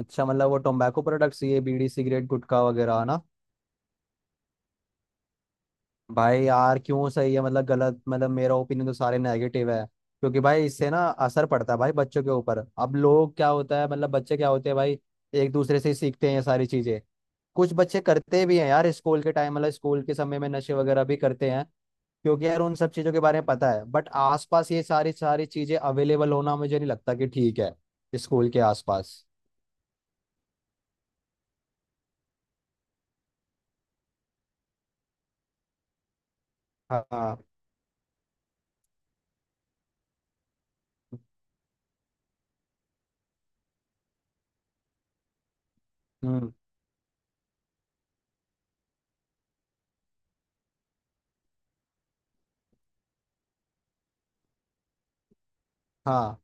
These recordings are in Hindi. अच्छा मतलब वो टोबैको प्रोडक्ट्स ये बीड़ी सिगरेट गुटखा वगैरह है ना। भाई यार क्यों सही है मतलब गलत मतलब मेरा ओपिनियन तो सारे नेगेटिव है क्योंकि भाई इससे ना असर पड़ता है भाई बच्चों के ऊपर। अब लोग क्या होता है मतलब बच्चे क्या होते हैं भाई, एक दूसरे से ही सीखते हैं ये सारी चीजें। कुछ बच्चे करते भी हैं यार स्कूल के टाइम मतलब स्कूल के समय में नशे वगैरह भी करते हैं क्योंकि यार उन सब चीजों के बारे में पता है। बट आसपास ये सारी सारी चीजें अवेलेबल होना मुझे नहीं लगता कि ठीक है स्कूल के आसपास। हाँ हाँ, हम्म, हाँ,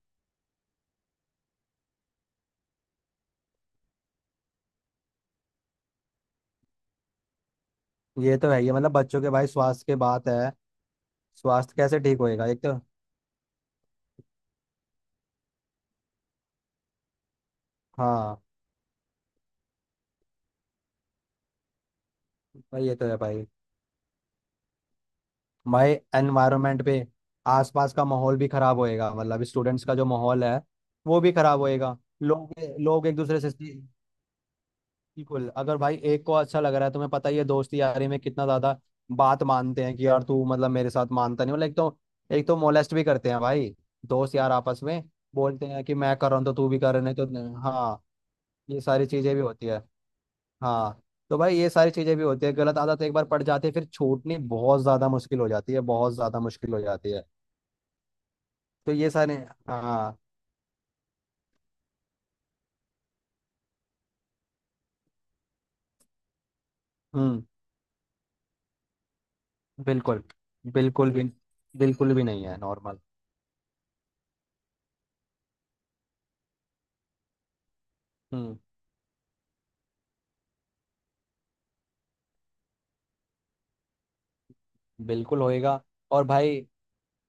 ये तो है, ये मतलब बच्चों के भाई स्वास्थ्य के बात है। स्वास्थ्य कैसे ठीक होएगा एक तो। हाँ, भाई ये तो है भाई। भाई एनवायरनमेंट पे आसपास का माहौल भी खराब होएगा मतलब स्टूडेंट्स का जो माहौल है वो भी खराब होएगा। लोग लोग एक दूसरे से बिल्कुल, अगर भाई एक को अच्छा लग रहा है तुम्हें पता ही है दोस्ती यारी में कितना ज्यादा बात मानते हैं कि यार तू मतलब मेरे साथ मानता नहीं, मतलब एक तो मोलेस्ट भी करते हैं भाई दोस्त यार आपस में, बोलते हैं कि मैं कर रहा हूँ तो तू भी कर नहीं तो, हाँ ये सारी चीजें भी होती है। हाँ, तो भाई ये सारी चीजें भी होती है, गलत आदत एक बार पड़ जाती है फिर छूटनी बहुत ज्यादा मुश्किल हो जाती है बहुत ज्यादा मुश्किल हो जाती है। तो ये सारे, हाँ, हम्म, बिल्कुल, बिल्कुल भी, बिल्कुल भी नहीं है नॉर्मल। हम्म, बिल्कुल होएगा। और भाई,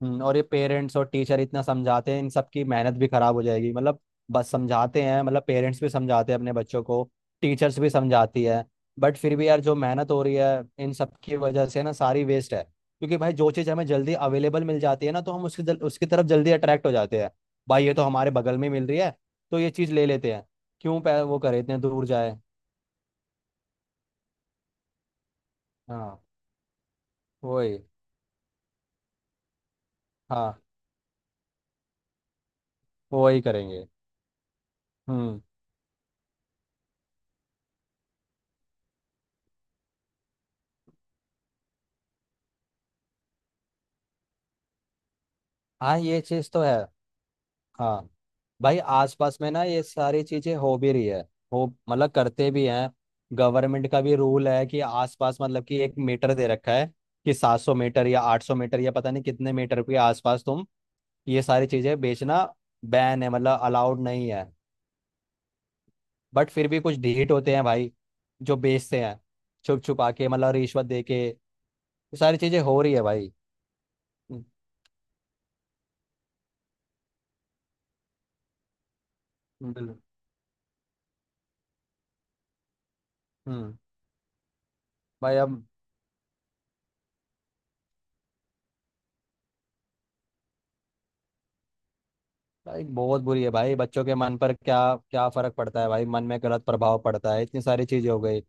और ये पेरेंट्स और टीचर इतना समझाते हैं इन सबकी मेहनत भी खराब हो जाएगी मतलब। बस समझाते हैं मतलब पेरेंट्स भी समझाते हैं अपने बच्चों को। टीचर्स भी समझाती है। बट फिर भी यार जो मेहनत हो रही है इन सब की वजह से ना सारी वेस्ट है क्योंकि भाई जो चीज़ हमें जल्दी अवेलेबल मिल जाती है ना तो हम उसकी तरफ जल्दी अट्रैक्ट हो जाते हैं। भाई ये तो हमारे बगल में मिल रही है तो ये चीज़ ले लेते हैं। क्यों वो करे इतने दूर जाए। हाँ, वही, हाँ, वही करेंगे, हम्म, हाँ, ये चीज़ तो है, हाँ, भाई आसपास में ना ये सारी चीजें हो भी रही है। हो मतलब करते भी हैं। गवर्नमेंट का भी रूल है कि आसपास मतलब कि एक मीटर दे रखा है कि 700 मीटर या 800 मीटर या पता नहीं कितने मीटर के आसपास तुम ये सारी चीजें बेचना बैन है मतलब अलाउड नहीं है। बट फिर भी कुछ ढीठ होते हैं भाई जो बेचते हैं छुप छुपा के, मतलब रिश्वत दे के ये सारी चीजें हो रही है भाई। हम्म, बिल्कुल। हम्म, भाई अब, भाई बहुत बुरी है भाई, बच्चों के मन पर क्या क्या फर्क पड़ता है भाई, मन में गलत प्रभाव पड़ता है, इतनी सारी चीजें हो गई।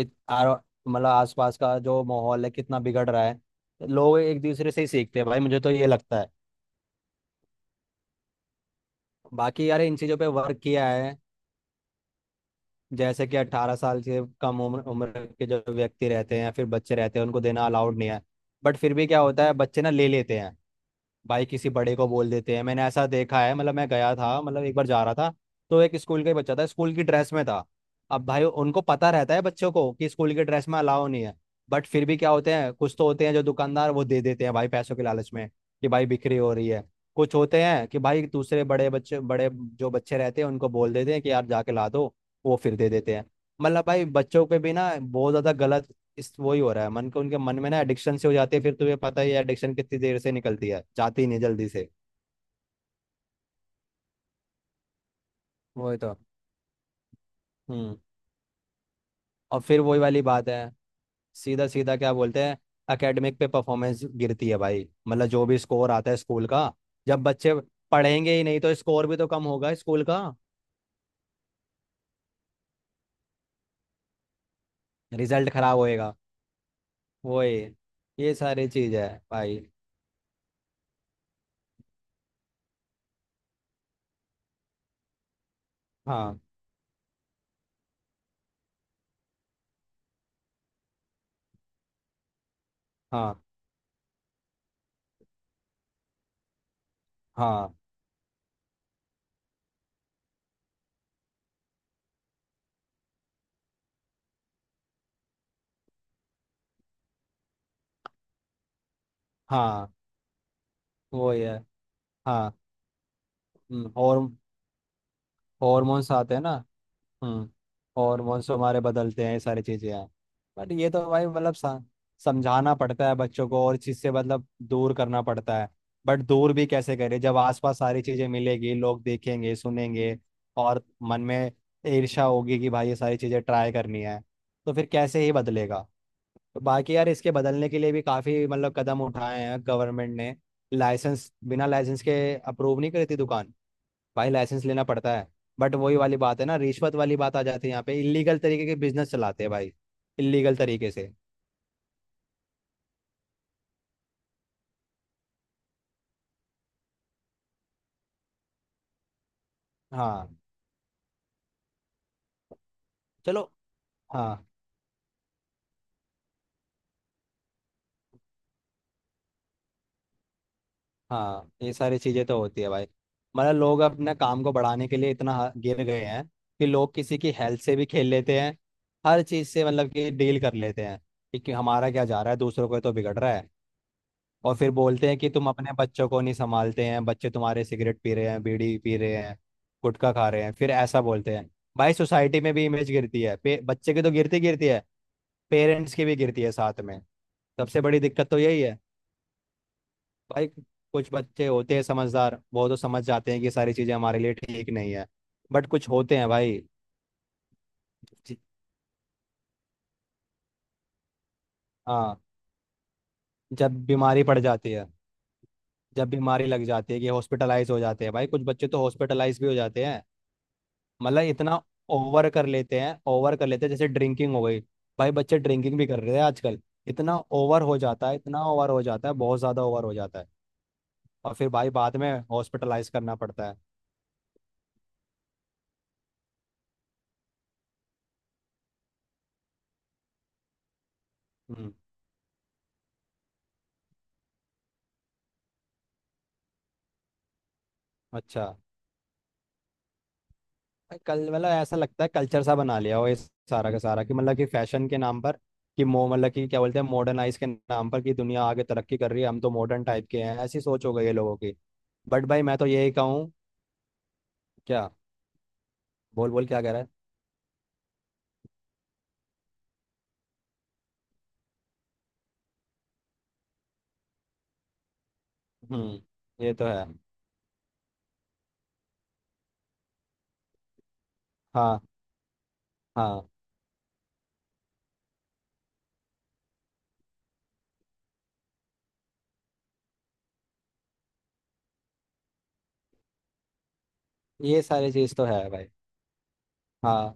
इत आरो- मतलब आसपास का जो माहौल है कितना बिगड़ रहा है। लोग एक दूसरे से ही सीखते हैं भाई मुझे तो ये लगता है। बाकी यार इन चीजों पे वर्क किया है, जैसे कि 18 साल से कम उम्र उम्र के जो व्यक्ति रहते हैं या फिर बच्चे रहते हैं उनको देना अलाउड नहीं है। बट फिर भी क्या होता है बच्चे ना ले लेते हैं भाई, किसी बड़े को बोल देते हैं। मैंने ऐसा देखा है, मतलब मैं गया था, मतलब एक बार जा रहा था तो एक स्कूल का ही बच्चा था, स्कूल की ड्रेस में था। अब भाई उनको पता रहता है बच्चों को कि स्कूल की ड्रेस में अलाउ नहीं है। बट फिर भी क्या होते हैं, कुछ तो होते हैं जो दुकानदार वो दे देते हैं भाई पैसों के लालच में, कि भाई बिक्री हो रही है। कुछ होते हैं कि भाई दूसरे बड़े बच्चे, बड़े जो बच्चे रहते हैं उनको बोल देते हैं कि यार जाके ला दो। वो फिर दे देते हैं। मतलब भाई बच्चों पे भी ना बहुत ज्यादा गलत इस वही हो रहा है मन को, उनके मन में ना एडिक्शन से हो जाती है, फिर तुम्हें पता ही है एडिक्शन कितनी देर से निकलती है, जाती ही नहीं जल्दी से। वही तो, हम्म, और फिर वही वाली बात है, सीधा सीधा क्या बोलते हैं, एकेडमिक पे परफॉर्मेंस गिरती है भाई, मतलब जो भी स्कोर आता है स्कूल का, जब बच्चे पढ़ेंगे ही नहीं तो स्कोर भी तो कम होगा स्कूल का। रिजल्ट खराब होएगा। वही, ये सारी चीज है भाई। हाँ हाँ हाँ हाँ, वही है, हाँ, और हॉर्मोन्स आते हैं ना। हम्म, हॉर्मोन्स हमारे बदलते हैं, ये सारी चीजें हैं। बट ये तो भाई मतलब समझाना पड़ता है बच्चों को और इस चीज से मतलब दूर करना पड़ता है। बट दूर भी कैसे करें जब आसपास सारी चीजें मिलेगी, लोग देखेंगे, सुनेंगे और मन में ईर्ष्या होगी कि भाई ये सारी चीजें ट्राई करनी है। तो फिर कैसे ही बदलेगा। तो बाकी यार इसके बदलने के लिए भी काफी मतलब कदम उठाए हैं गवर्नमेंट ने, लाइसेंस बिना लाइसेंस के अप्रूव नहीं करी थी दुकान। भाई लाइसेंस लेना पड़ता है। बट वही वाली बात है ना, रिश्वत वाली बात आ जाती है यहाँ पे, इलीगल तरीके के बिजनेस चलाते हैं भाई इलीगल तरीके से। हाँ, चलो, हाँ हाँ, ये सारी चीजें तो होती है भाई। मतलब लोग अपने काम को बढ़ाने के लिए इतना गिर गए हैं कि लोग किसी की हेल्थ से भी खेल लेते हैं। हर चीज से मतलब कि डील कर लेते हैं, कि हमारा क्या जा रहा है, दूसरों को तो बिगड़ रहा है। और फिर बोलते हैं कि तुम अपने बच्चों को नहीं संभालते हैं, बच्चे तुम्हारे सिगरेट पी रहे हैं, बीड़ी पी रहे हैं, गुटखा खा रहे हैं, फिर ऐसा बोलते हैं। भाई सोसाइटी में भी इमेज गिरती है बच्चे की तो गिरती गिरती है, पेरेंट्स की भी गिरती है साथ में। सबसे बड़ी दिक्कत तो यही है भाई। कुछ बच्चे होते हैं समझदार, वो तो समझ जाते हैं कि सारी चीज़ें हमारे लिए ठीक नहीं है, बट कुछ होते हैं भाई जि- हाँ, जब बीमारी पड़ जाती है, जब बीमारी लग जाती है कि हॉस्पिटलाइज हो जाते हैं, भाई कुछ बच्चे तो हॉस्पिटलाइज भी हो जाते हैं। मतलब इतना ओवर कर लेते हैं, ओवर कर लेते हैं, जैसे ड्रिंकिंग हो गई, भाई बच्चे ड्रिंकिंग भी कर रहे हैं आजकल, इतना ओवर हो जाता है, इतना ओवर हो जाता है, बहुत ज्यादा ओवर हो जाता है। और फिर भाई बाद में हॉस्पिटलाइज करना पड़ता है। हम्म, अच्छा, भाई कल मतलब ऐसा लगता है कल्चर सा बना लिया हो इस सारा का सारा, कि मतलब कि फैशन के नाम पर, कि मो मतलब कि क्या बोलते हैं मॉडर्नाइज के नाम पर कि दुनिया आगे तरक्की कर रही है, हम तो मॉडर्न टाइप के हैं, ऐसी सोच हो गई है लोगों की। बट भाई मैं तो यही कहूँ, क्या, बोल बोल क्या कह रहा है। हम्म, ये तो है। हाँ हाँ, ये सारी चीज़ तो है भाई। हाँ,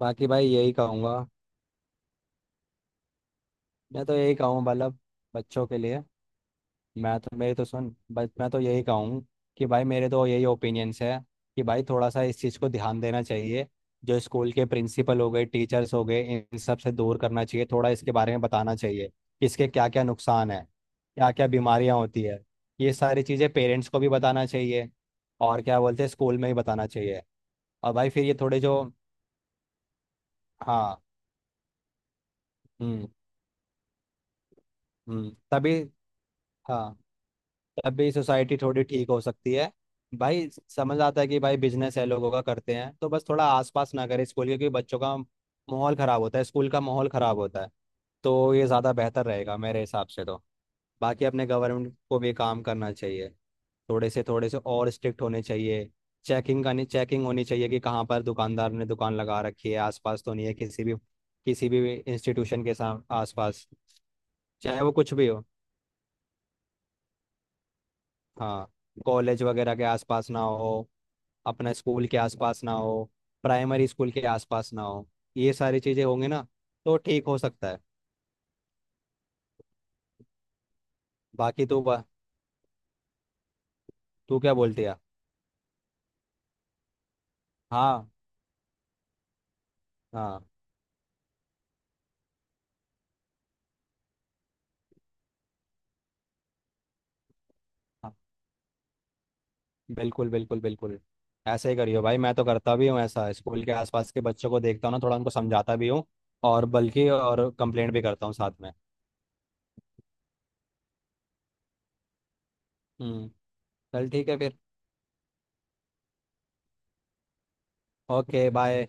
बाकी भाई यही कहूँगा, मैं तो यही कहूँ मतलब बच्चों के लिए। मैं तो मेरी तो सुन, बस मैं तो यही कहूँ कि भाई मेरे तो यही ओपिनियंस है कि भाई थोड़ा सा इस चीज़ को ध्यान देना चाहिए। जो स्कूल के प्रिंसिपल हो गए, टीचर्स हो गए, इन सब से दूर करना चाहिए, थोड़ा इसके बारे में बताना चाहिए कि इसके क्या क्या नुकसान है, क्या क्या बीमारियाँ होती है। ये सारी चीज़ें पेरेंट्स को भी बताना चाहिए, और क्या बोलते हैं, स्कूल में ही बताना चाहिए। और भाई फिर ये थोड़े जो, हाँ, हम्म, हम्म, तभी, हाँ, तभी सोसाइटी थोड़ी ठीक हो सकती है भाई। समझ आता है कि भाई बिजनेस है लोगों का, करते हैं तो बस थोड़ा आसपास ना करें स्कूल के, क्योंकि बच्चों का माहौल खराब होता है, स्कूल का माहौल खराब होता है। तो ये ज़्यादा बेहतर रहेगा मेरे हिसाब से तो। बाकी अपने गवर्नमेंट को भी काम करना चाहिए, थोड़े से और स्ट्रिक्ट होने चाहिए। चेकिंग होनी चाहिए कि कहाँ पर दुकानदार ने दुकान लगा रखी है, आसपास तो नहीं है किसी भी इंस्टीट्यूशन के साम आसपास, चाहे वो कुछ भी हो। हाँ, कॉलेज वगैरह के आसपास ना हो, अपना स्कूल के आसपास ना हो, प्राइमरी स्कूल के आसपास ना हो, ये सारी चीज़ें होंगी ना तो ठीक हो सकता है। बाकी तू तू क्या बोलती है। हाँ हाँ हाँ, बिल्कुल बिल्कुल बिल्कुल, ऐसे ही करियो भाई, मैं तो करता भी हूँ ऐसा, स्कूल के आसपास के बच्चों को देखता हूँ ना थोड़ा, उनको समझाता भी हूँ और बल्कि और कंप्लेंट भी करता हूँ साथ में। हम्म, चल ठीक है फिर। Okay, bye.